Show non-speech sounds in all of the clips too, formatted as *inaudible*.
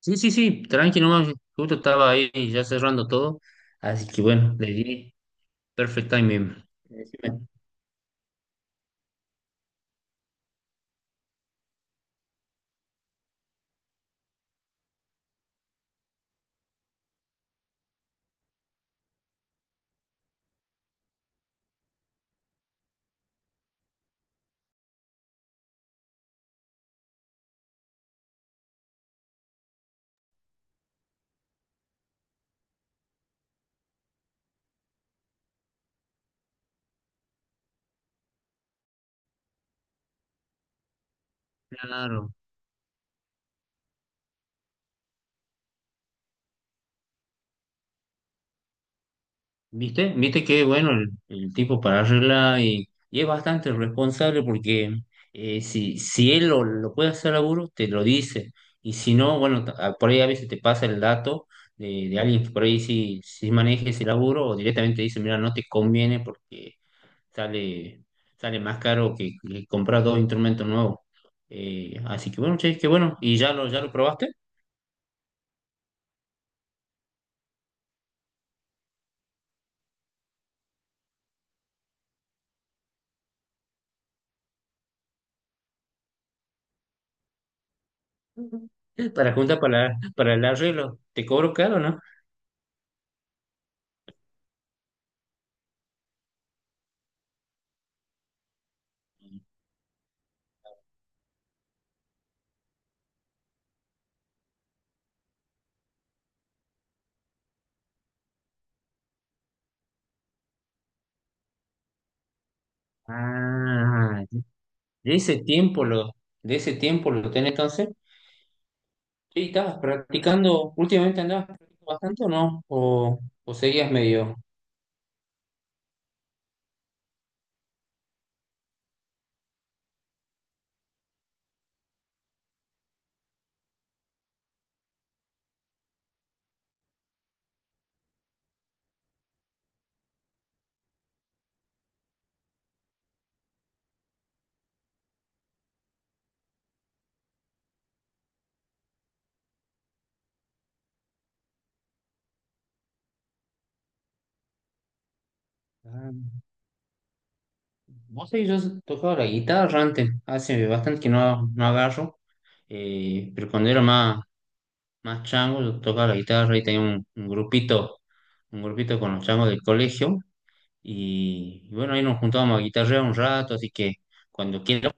Sí, sí, sí, tranqui nomás, justo estaba ahí ya cerrando todo, así que bueno, le di perfect timing. Decime. Claro, ¿viste? ¿Viste que bueno el tipo para arreglar y es bastante responsable porque si, si él lo puede hacer seguro, te lo dice, y si no, bueno, por ahí a veces te pasa el dato de alguien que por ahí sí, sí maneja ese laburo o directamente te dice, mira, no te conviene porque sale, sale más caro que comprar dos instrumentos nuevos. Así que bueno, che, que bueno. ¿Y ya ya lo probaste? Ujú. Para juntar para el arreglo. ¿Te cobro caro, no? Ah, de ese tiempo de ese tiempo lo tenés entonces. Che, ¿y estabas practicando? ¿Últimamente andabas practicando bastante o no? O seguías medio? Ah, vos sabés, yo tocaba la guitarra antes, hace bastante que no, no agarro, pero cuando era más, más chango, yo tocaba la guitarra y tenía un grupito, un grupito con los changos del colegio. Y bueno, ahí nos juntábamos a guitarrear un rato, así que cuando quieras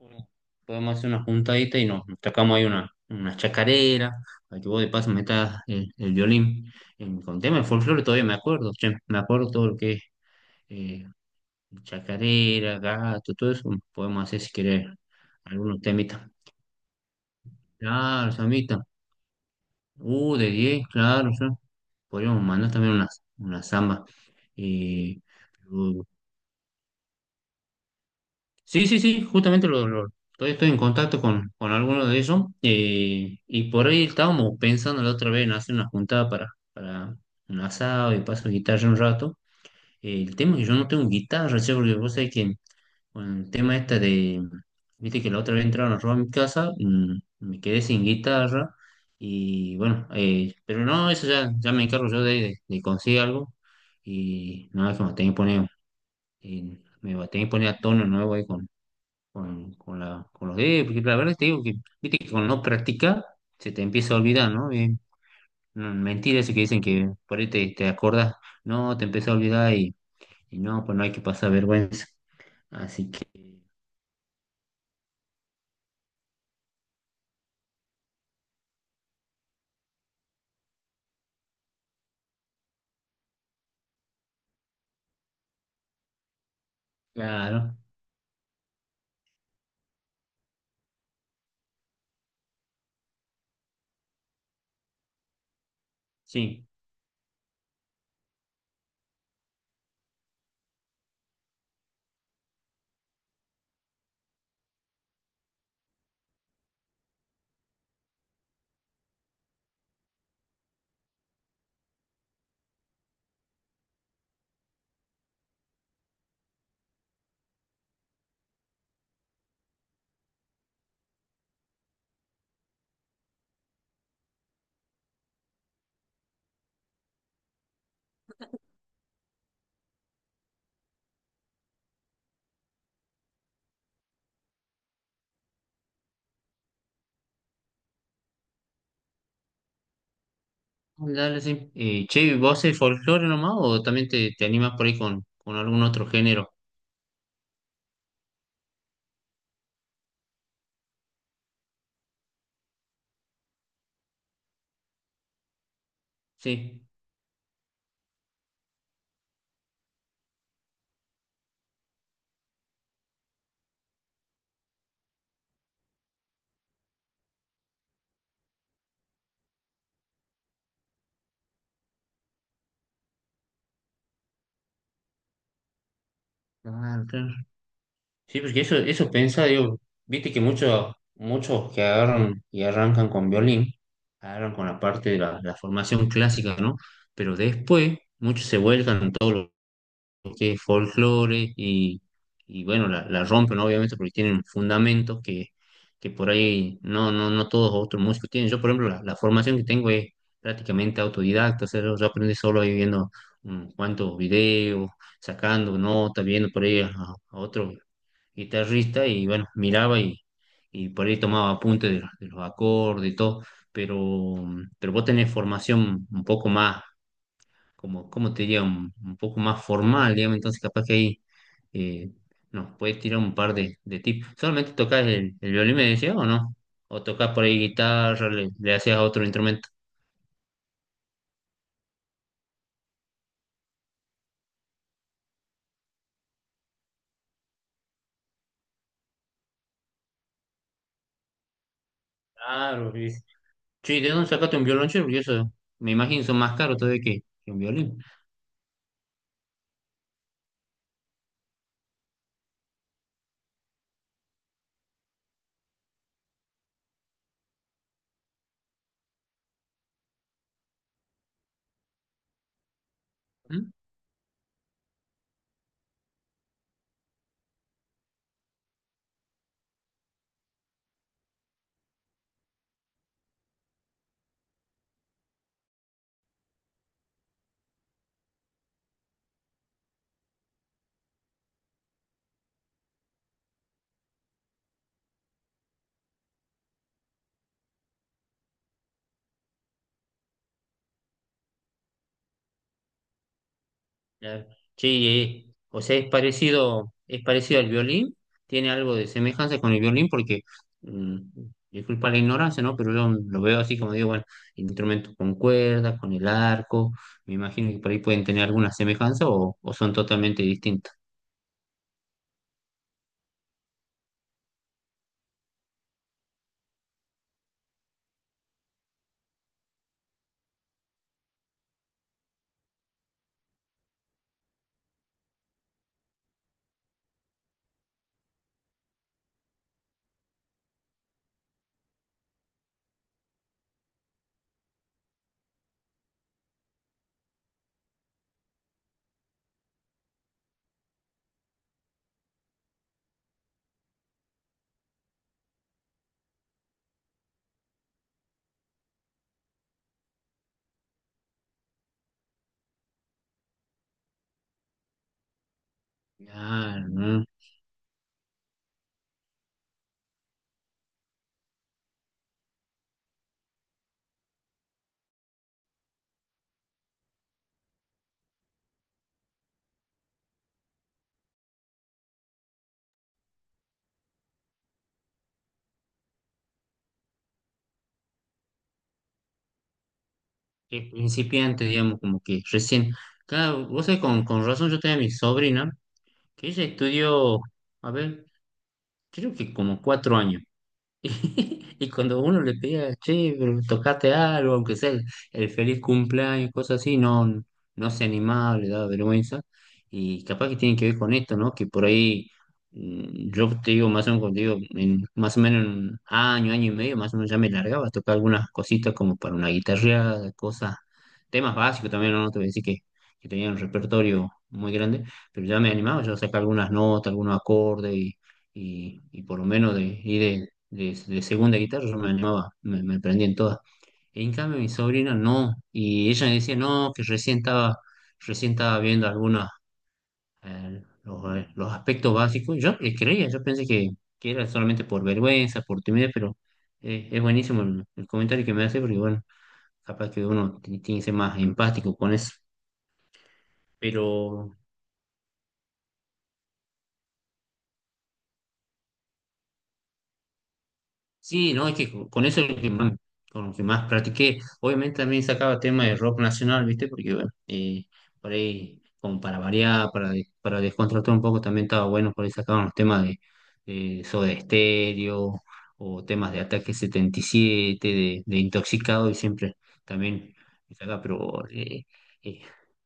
podemos hacer una juntadita y nos, nos tocamos ahí una chacarera, para que vos de paso metas el violín con tema de folclore, todavía me acuerdo, che, me acuerdo todo lo que es eh, chacarera, gato, todo eso, podemos hacer si querés algunos temitas. Claro, Samita. De 10 claro, sí. Podríamos mandar también unas zambas. Eh, pero- sí, sí, sí, justamente todavía estoy en contacto con algunos de ellos. Y por ahí estábamos pensando la otra vez en hacer una juntada para un asado y paso guitarra un rato. El tema es que yo no tengo guitarra, che, porque vos sabés que con el tema este de, viste que la otra vez entraron a robar mi casa, me quedé sin guitarra y bueno, pero no, eso ya, ya me encargo yo de, de conseguir algo y nada, que me tenía que poner, me va a tener que poner a tono nuevo ahí con la, con los dedos, porque la verdad te digo que, viste que con no practicar se te empieza a olvidar, ¿no? No, mentira eso que dicen que por ahí te, te acordás, no, te empieza a olvidar y no, pues no hay que pasar vergüenza. Así que... Claro, sí, dale, sí. Che, ¿vos el folclore nomás o también te animas por ahí con algún otro género? Sí, claro, claro. Sí, porque eso pensaba, digo, viste que muchos, muchos que agarran y arrancan con violín, agarran con la parte de la formación clásica, ¿no? Pero después muchos se vuelcan en todo lo que es folclore y bueno, la rompen, ¿no? Obviamente porque tienen fundamentos que por ahí no, no, no todos otros músicos tienen. Yo, por ejemplo, la formación que tengo es prácticamente autodidacta, o sea, yo aprendí solo ahí viendo unos cuantos videos, sacando notas, viendo por ahí a otro guitarrista y bueno, miraba y por ahí tomaba apuntes de los acordes y todo, pero, pero vos tenés formación un poco más como, como te diría, un poco más formal, digamos, entonces capaz que ahí eh, nos puedes tirar un par de tips. ¿Solamente tocas el violín, me decías, o no? ¿O tocas por ahí guitarra, le hacías a otro instrumento? Claro, sí. Sí, ¿de dónde sacaste un violonchelo? Porque eso, me imagino, son más caros todavía que un violín. Claro. Sí, o sea, es parecido al violín, tiene algo de semejanza con el violín porque, mm, disculpa la ignorancia, ¿no? Pero yo lo veo así como digo, bueno, instrumentos con cuerdas, con el arco, me imagino que por ahí pueden tener alguna semejanza o son totalmente distintas. Claro, ¿no? Es principiante, digamos, como que recién. Claro, vos sabés, con razón yo tenía a mi sobrina, que ella estudió, a ver, creo que como cuatro años. Y *laughs* y cuando uno le pedía, che, pero tocaste algo, aunque sea el feliz cumpleaños, cosas así, no, no se animaba, le daba vergüenza. Y capaz que tiene que ver con esto, ¿no? Que por ahí, yo te digo, más o menos, contigo, en, más o menos en un año, año y medio, más o menos ya me largaba a tocar algunas cositas como para una guitarreada, cosas, temas básicos también, no, no te voy a decir que tenía un repertorio muy grande, pero ya me animaba, yo sacaba algunas notas, algunos acordes y por lo menos de ir de segunda guitarra, yo me animaba, me prendía en todas. En cambio, mi sobrina no, y ella me decía, no, que recién estaba viendo algunos los aspectos básicos. Yo le creía, yo pensé que era solamente por vergüenza, por timidez, pero es buenísimo el comentario que me hace, porque bueno, capaz que uno tiene que ser más empático con eso. Pero sí, no, es que con eso es lo que más, con lo que más practiqué. Obviamente también sacaba temas de rock nacional, ¿viste? Porque, bueno, por ahí, como para variar, para, para descontractar un poco, también estaba bueno, por ahí sacaban los temas de Soda Stereo o temas de Ataque 77, de Intoxicado y siempre también sacaba, eh,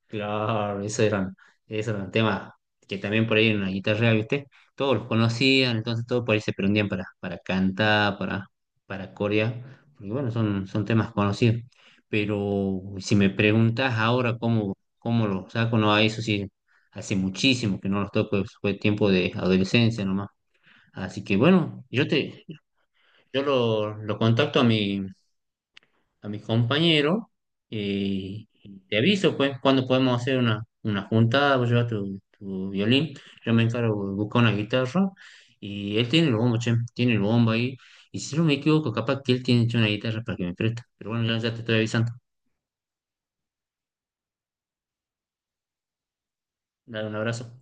claro, esos eran temas que también por ahí en la guitarra, ¿viste? Todos los conocían, entonces todos por ahí se prendían para cantar, para corear, porque bueno, son, son temas conocidos. Pero si me preguntas ahora cómo, cómo los saco, no, a eso sí, hace muchísimo que no los toco, fue tiempo de adolescencia nomás. Así que bueno, yo lo contacto a mi, a mis compañeros, y te aviso pues cuando podemos hacer una juntada, vos llevas tu, tu violín, yo me encargo de buscar una guitarra y él tiene el bombo, che, tiene el bombo ahí y si no me equivoco capaz que él tiene hecho una guitarra para que me presta, pero bueno, ya, ya te estoy avisando, dale un abrazo.